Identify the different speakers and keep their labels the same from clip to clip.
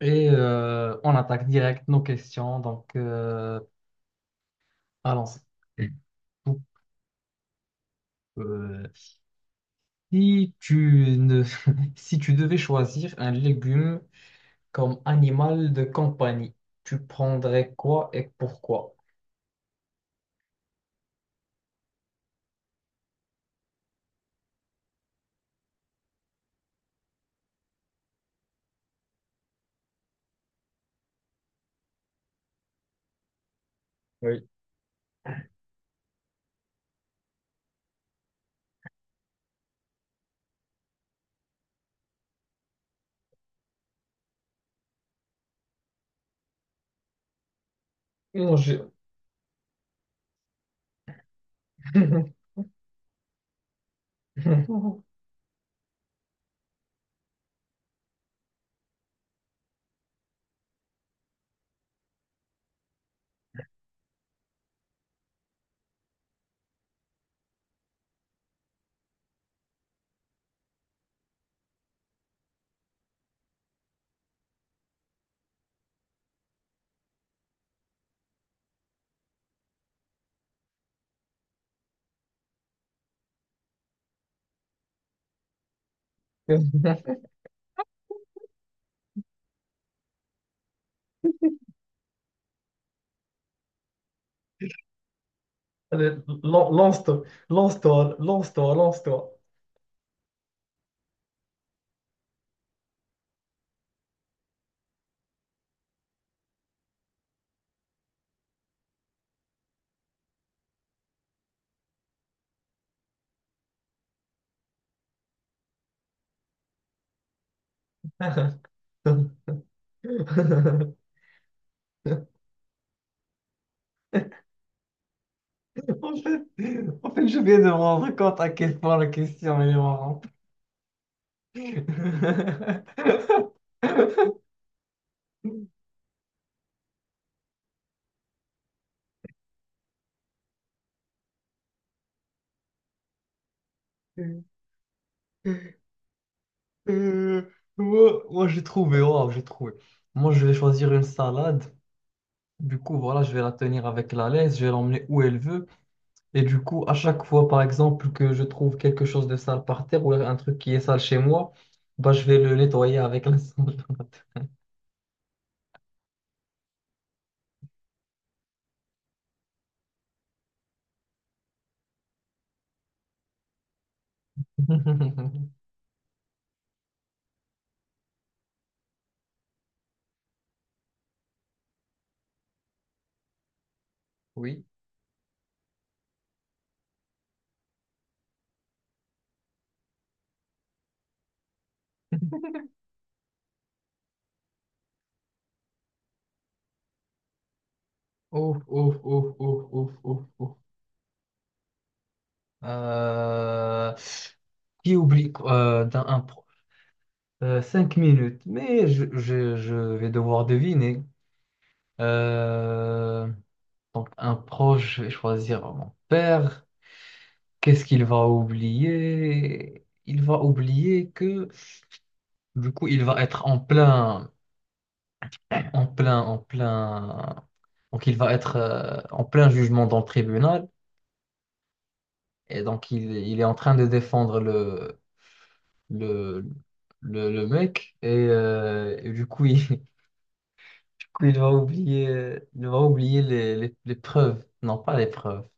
Speaker 1: On attaque direct nos questions. Allons-y. Donc, euh, si tu ne... Si tu devais choisir un légume comme animal de compagnie, tu prendrais quoi et pourquoi? Oui. Mon Dieu. Allez, lance-toi, lance-toi, lance-toi, lance-toi. En fait, en fait, je viens de me rendre compte à quel point la question elle est marrante. Euh, moi, j'ai trouvé, waouh, j'ai trouvé. Moi, je vais choisir une salade. Du coup, voilà, je vais la tenir avec la laisse, je vais l'emmener où elle veut. Et du coup, à chaque fois, par exemple, que je trouve quelque chose de sale par terre ou un truc qui est sale chez moi, bah, je vais le nettoyer avec la sonde. Oui. Ouf, ouf, ouf, ouf, ouf, ouf, ouf. Euh, Qui oublie dans un pro... 5 minutes, mais je vais devoir deviner. Euh, Donc, un proche, je vais choisir mon père. Qu'est-ce qu'il va oublier? Il va oublier que... Du coup, il va être en plein... Donc, il va être en plein jugement dans le tribunal. Et donc, il est en train de défendre le, le mec. Et du coup, du coup, il va oublier les preuves. Non, pas les preuves.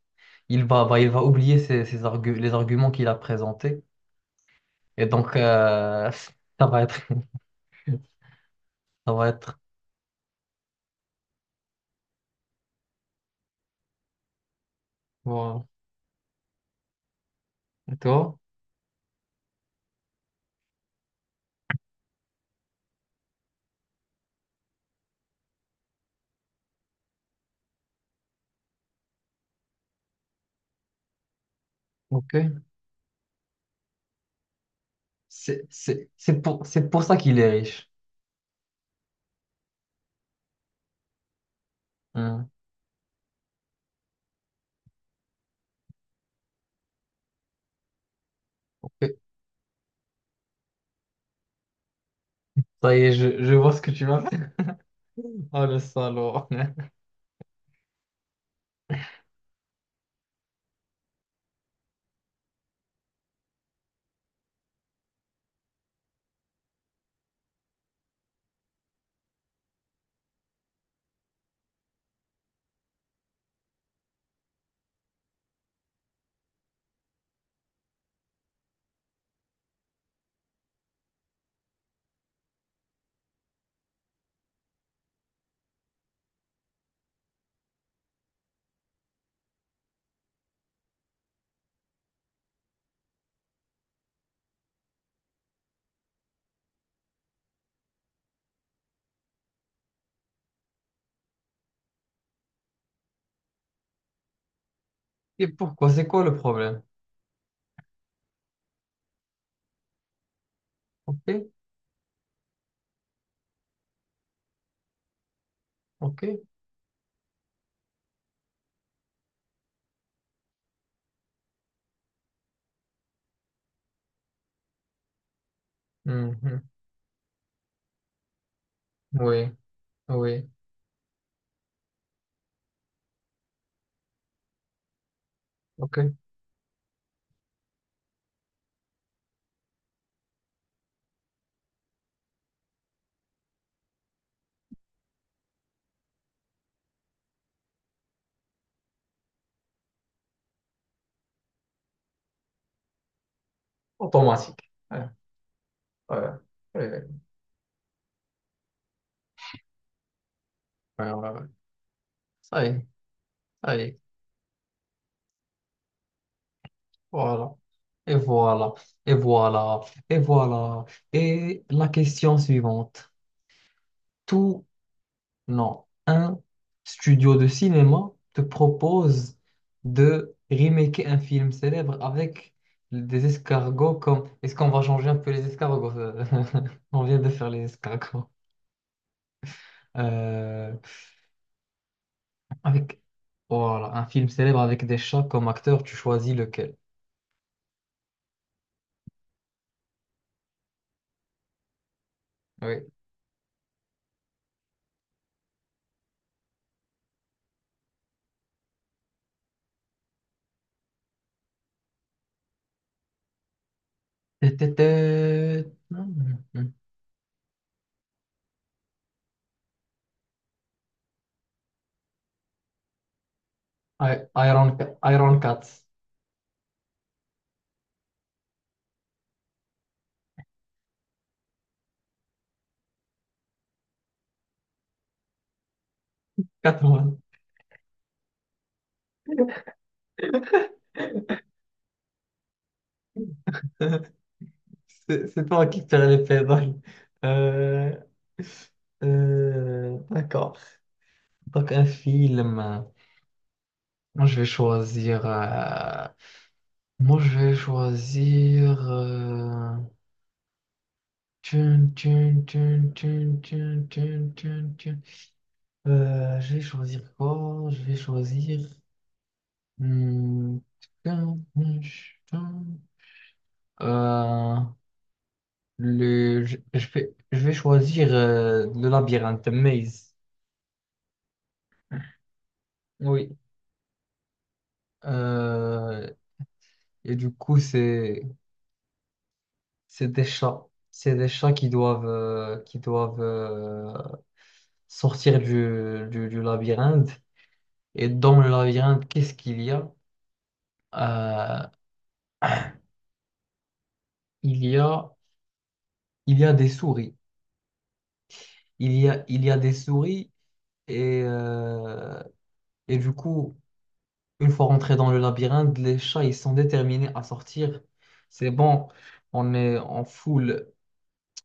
Speaker 1: Il va, bah, il va oublier les arguments qu'il a présentés. Et donc, euh, ça va être. Ça va être. Voilà. Et toi? Ok. C'est pour ça qu'il est riche. Hein. Ça y est, je vois ce que tu m'as fait. Ah, le salaud. Et pourquoi? C'est quoi le problème? Ok, ok. Mhm. Oui, oui, ok. Automatique. Ouais, ouais, ouais, ouais, ouais, ouais, ouais. Ça y est, ça y est. Voilà. Et voilà, et voilà, et voilà. Et la question suivante. Tout Non, un studio de cinéma te propose de remaker un film célèbre avec des escargots comme... Est-ce qu'on va changer un peu les escargots? On vient de faire les escargots. Euh, Avec... Voilà, un film célèbre avec des chats comme acteurs, tu choisis lequel? Oui. Tétété. Hmm. Iron, Iron Cats. Catwoman. C'est toi qui tire les pédales. Euh, d'accord. Donc un film. Moi je vais choisir. euh, Moi je vais choisir. Tun, tun, tun, tun, tun, tun, tun, tun. Je vais choisir quoi? Je vais choisir. hmm, Tun, tun, tun. Euh, le, je vais, Je vais choisir le labyrinthe Maze. Oui. Euh, et du coup, c'est des chats. C'est des chats qui doivent sortir du labyrinthe. Et dans le labyrinthe, qu'est-ce qu'il y a? Euh, il y a, il y a des souris. Il y a des souris. Et, euh, et du coup, une fois rentrés dans le labyrinthe, les chats, ils sont déterminés à sortir. C'est bon, on est en full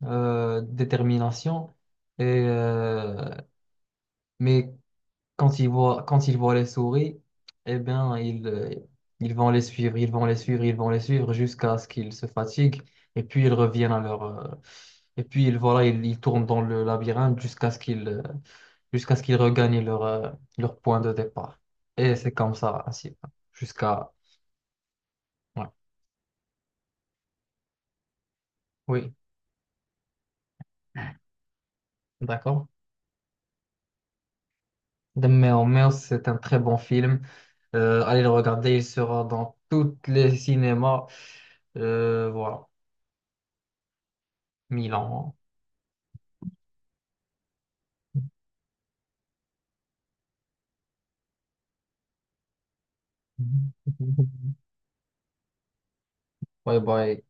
Speaker 1: détermination. Et, euh, Mais quand ils voient les souris, eh bien, ils vont les suivre, ils vont les suivre, ils vont les suivre jusqu'à ce qu'ils se fatiguent. Et puis, ils reviennent à leur... euh, et puis, ils tournent dans le labyrinthe jusqu'à ce qu'ils regagnent leur point de départ. Et c'est comme ça, ainsi, jusqu'à... ouais. Oui, d'accord. The Meow Meow, c'est un très bon film. Allez le regarder, il sera dans tous les cinémas. Voilà, Milan. Hein. Bye bye.